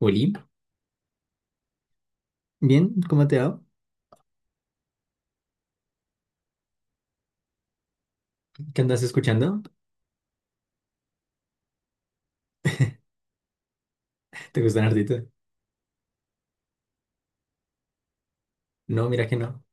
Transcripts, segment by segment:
Oli, bien, ¿cómo te va? ¿Qué andas escuchando? ¿Te gustan artistas? No, mira que no.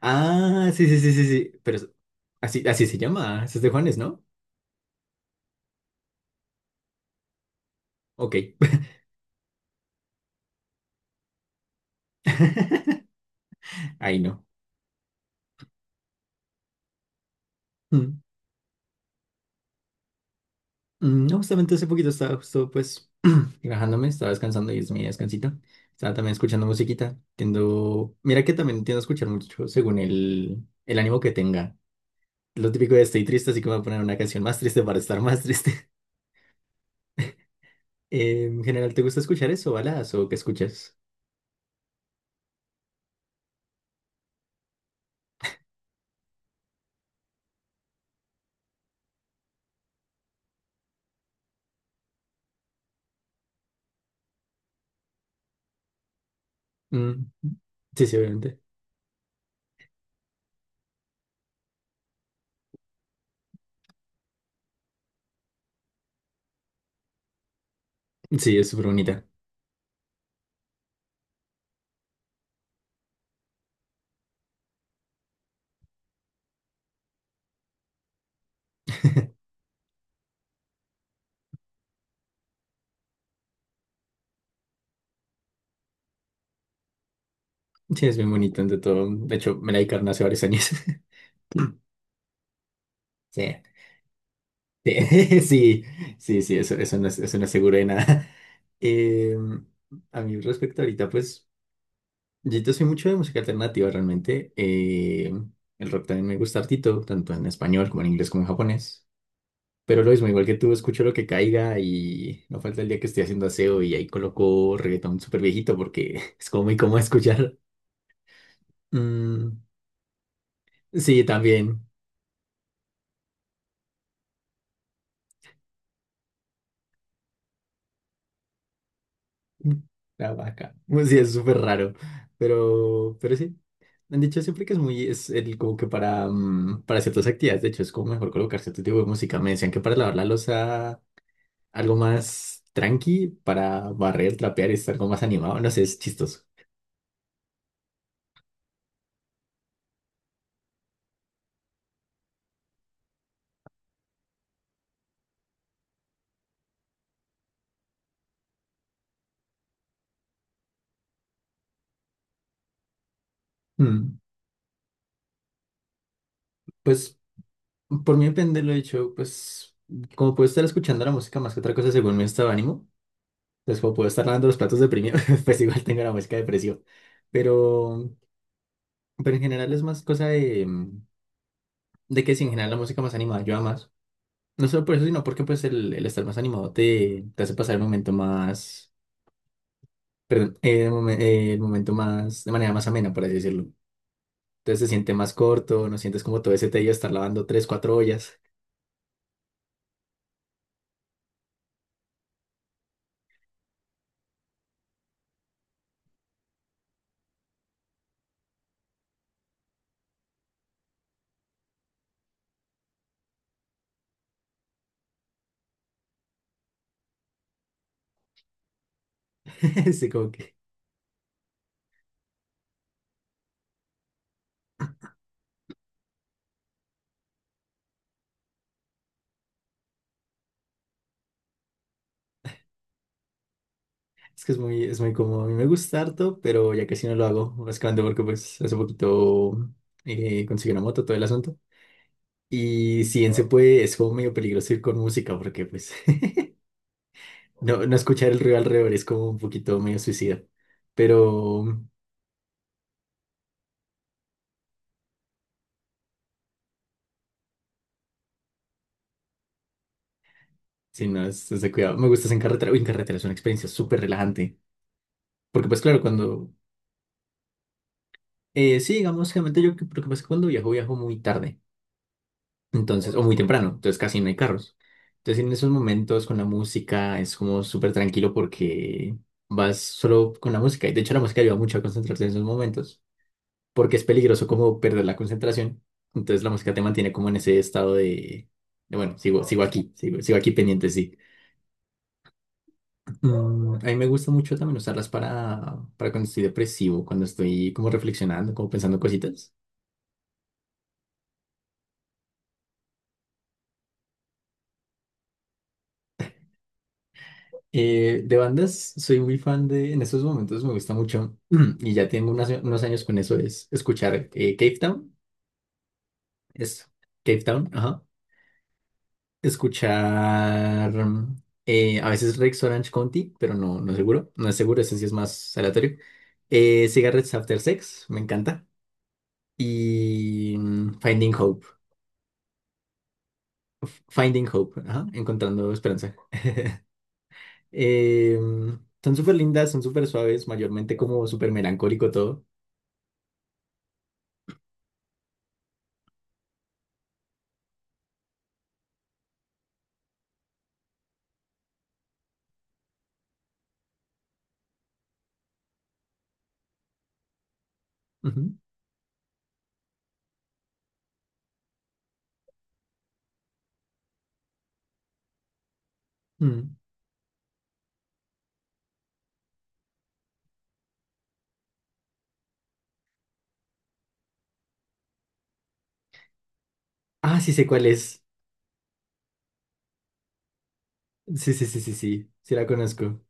Ah, sí, sí, sí, sí, sí. Así, así se llama. Ese es de Juanes, ¿no? Ok. Ahí no. Mm, No, justamente hace poquito estaba justo pues relajándome, estaba descansando y es mi descansito. Estaba también escuchando musiquita. Mira que también tiendo a escuchar mucho según el ánimo que tenga. Lo típico de estoy triste, así que me voy a poner una canción más triste para estar más triste. En general, ¿te gusta escuchar eso, baladas o qué escuchas? Mm, sí, sí, obviamente. Sí, es súper bonita. Sí, es bien bonita, entre todo. De hecho, me la dedicaron hace varios años. Sí, sí, sí, sí, sí, eso, eso no es seguro de nada. Eh, a mí respecto ahorita, pues, yo te soy mucho de música alternativa realmente. El rock también me gusta hartito, tanto en español como en inglés como en japonés. Pero lo mismo, igual que tú, escucho lo que caiga y no falta el día que estoy haciendo aseo y ahí coloco reggaetón súper viejito porque es como muy cómodo escuchar. Mm, sí, también. La vaca. Bueno, sí, es súper raro. Pero sí. Me han dicho siempre que es muy, es el, como que para, para ciertas actividades, de hecho, es como mejor colocar cierto tipo de música. Me decían que para lavar la losa algo más tranqui, para barrer, trapear y estar algo más animado. No sé, es chistoso. Mm. Pues por mí depende, lo he dicho, pues como puedo estar escuchando la música más que otra cosa según mi estado de ánimo, pues como puedo estar lavando los platos deprimido, pues igual tengo la música depresiva. Pero Pero en general es más cosa de, de que si en general la música más animada ayuda más. No solo por eso, sino porque pues el estar más animado te hace pasar el momento más, perdón, el momento más, de manera más amena, por así decirlo. Entonces se siente más corto, no sientes como todo ese tedio de estar lavando tres, cuatro ollas. Sí, como que es muy cómodo. A mí me gusta harto, pero ya casi no lo hago, básicamente porque pues hace poquito conseguí una moto, todo el asunto. Y si bien se Wow puede, es como medio peligroso ir con música, porque pues no, no escuchar el ruido alrededor es como un poquito medio suicida. Pero si no, es de cuidado. Me gusta hacer en carretera. Uy, en carretera es una experiencia súper relajante. Porque pues claro, cuando... sí, digamos, generalmente yo, lo que pasa es que cuando viajo, viajo muy tarde. Entonces, o muy temprano. Entonces casi no hay carros. Entonces en esos momentos con la música es como súper tranquilo porque vas solo con la música. Y de hecho la música ayuda mucho a concentrarse en esos momentos. Porque es peligroso como perder la concentración. Entonces la música te mantiene como en ese estado de, bueno, sigo aquí, sigo aquí pendiente, sí. A mí me gusta mucho también usarlas para cuando estoy depresivo, cuando estoy como reflexionando, como pensando cositas. De bandas, soy muy fan de, en estos momentos me gusta mucho, y ya tengo unos años con eso, es escuchar Cave Town, es Cave Town, ajá. Escuchar a veces Rex Orange County, pero no es seguro, no es seguro, ese sí es más aleatorio. Cigarettes After Sex, me encanta. Y Finding Hope, Finding Hope, ajá, encontrando esperanza. Eh, son súper lindas, son súper suaves, mayormente como súper melancólico todo. Ujú. Mm. Ah, sí sé cuál es. Sí, sí, sí, sí, sí, sí la conozco.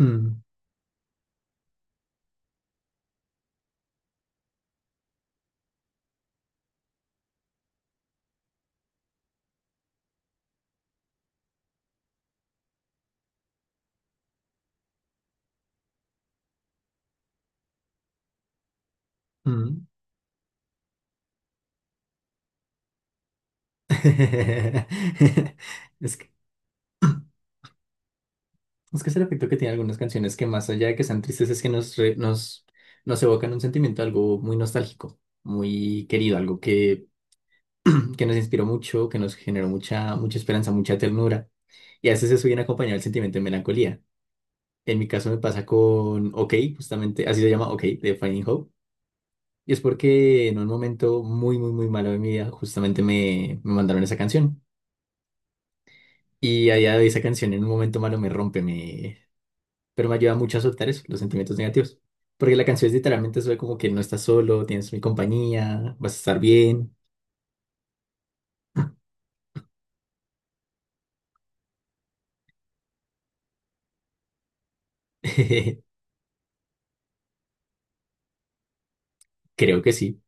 Mm, mm. Es que es que es el efecto que tiene algunas canciones que más allá de que sean tristes es que nos evocan un sentimiento, algo muy nostálgico, muy querido, algo que nos inspiró mucho, que nos generó mucha, mucha esperanza, mucha ternura. Y a veces eso viene acompañado del sentimiento de melancolía. En mi caso me pasa con OK, justamente, así se llama OK, de Finding Hope. Y es porque en un momento muy, muy, muy malo de mi vida, justamente me mandaron esa canción. Y allá de esa canción en un momento malo me rompe, pero me ayuda mucho a soltar eso, los sentimientos negativos. Porque la canción es literalmente sobre como que no estás solo, tienes mi compañía, vas a estar bien. Creo que sí.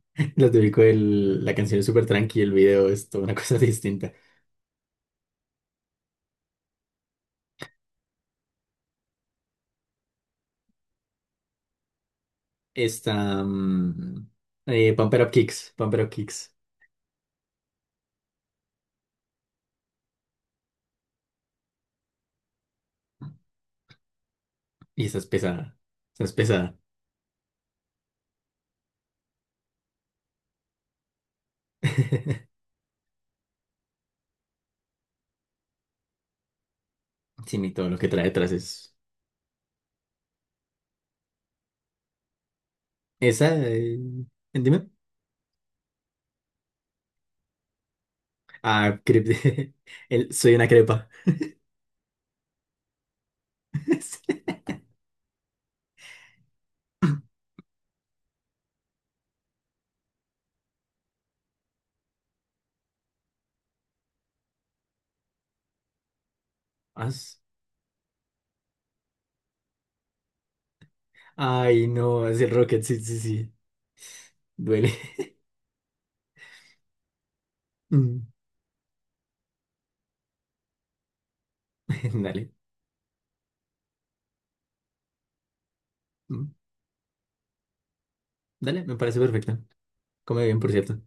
Lo típico el la canción es súper tranqui, el video es toda una cosa distinta. Esta, Pump It Up Kicks, Pump It Up Kicks. Y esa es pesada, esa es pesada. Sí, mi, todo lo que trae detrás es... Esa, dime. Ah, el, soy una crepa. Sí. Ah, ay, no, es el Rocket, sí, sí, sí. Duele. Mm, dale. Mm, dale, me parece perfecto. Come bien, por cierto.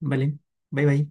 Vale, bye bye.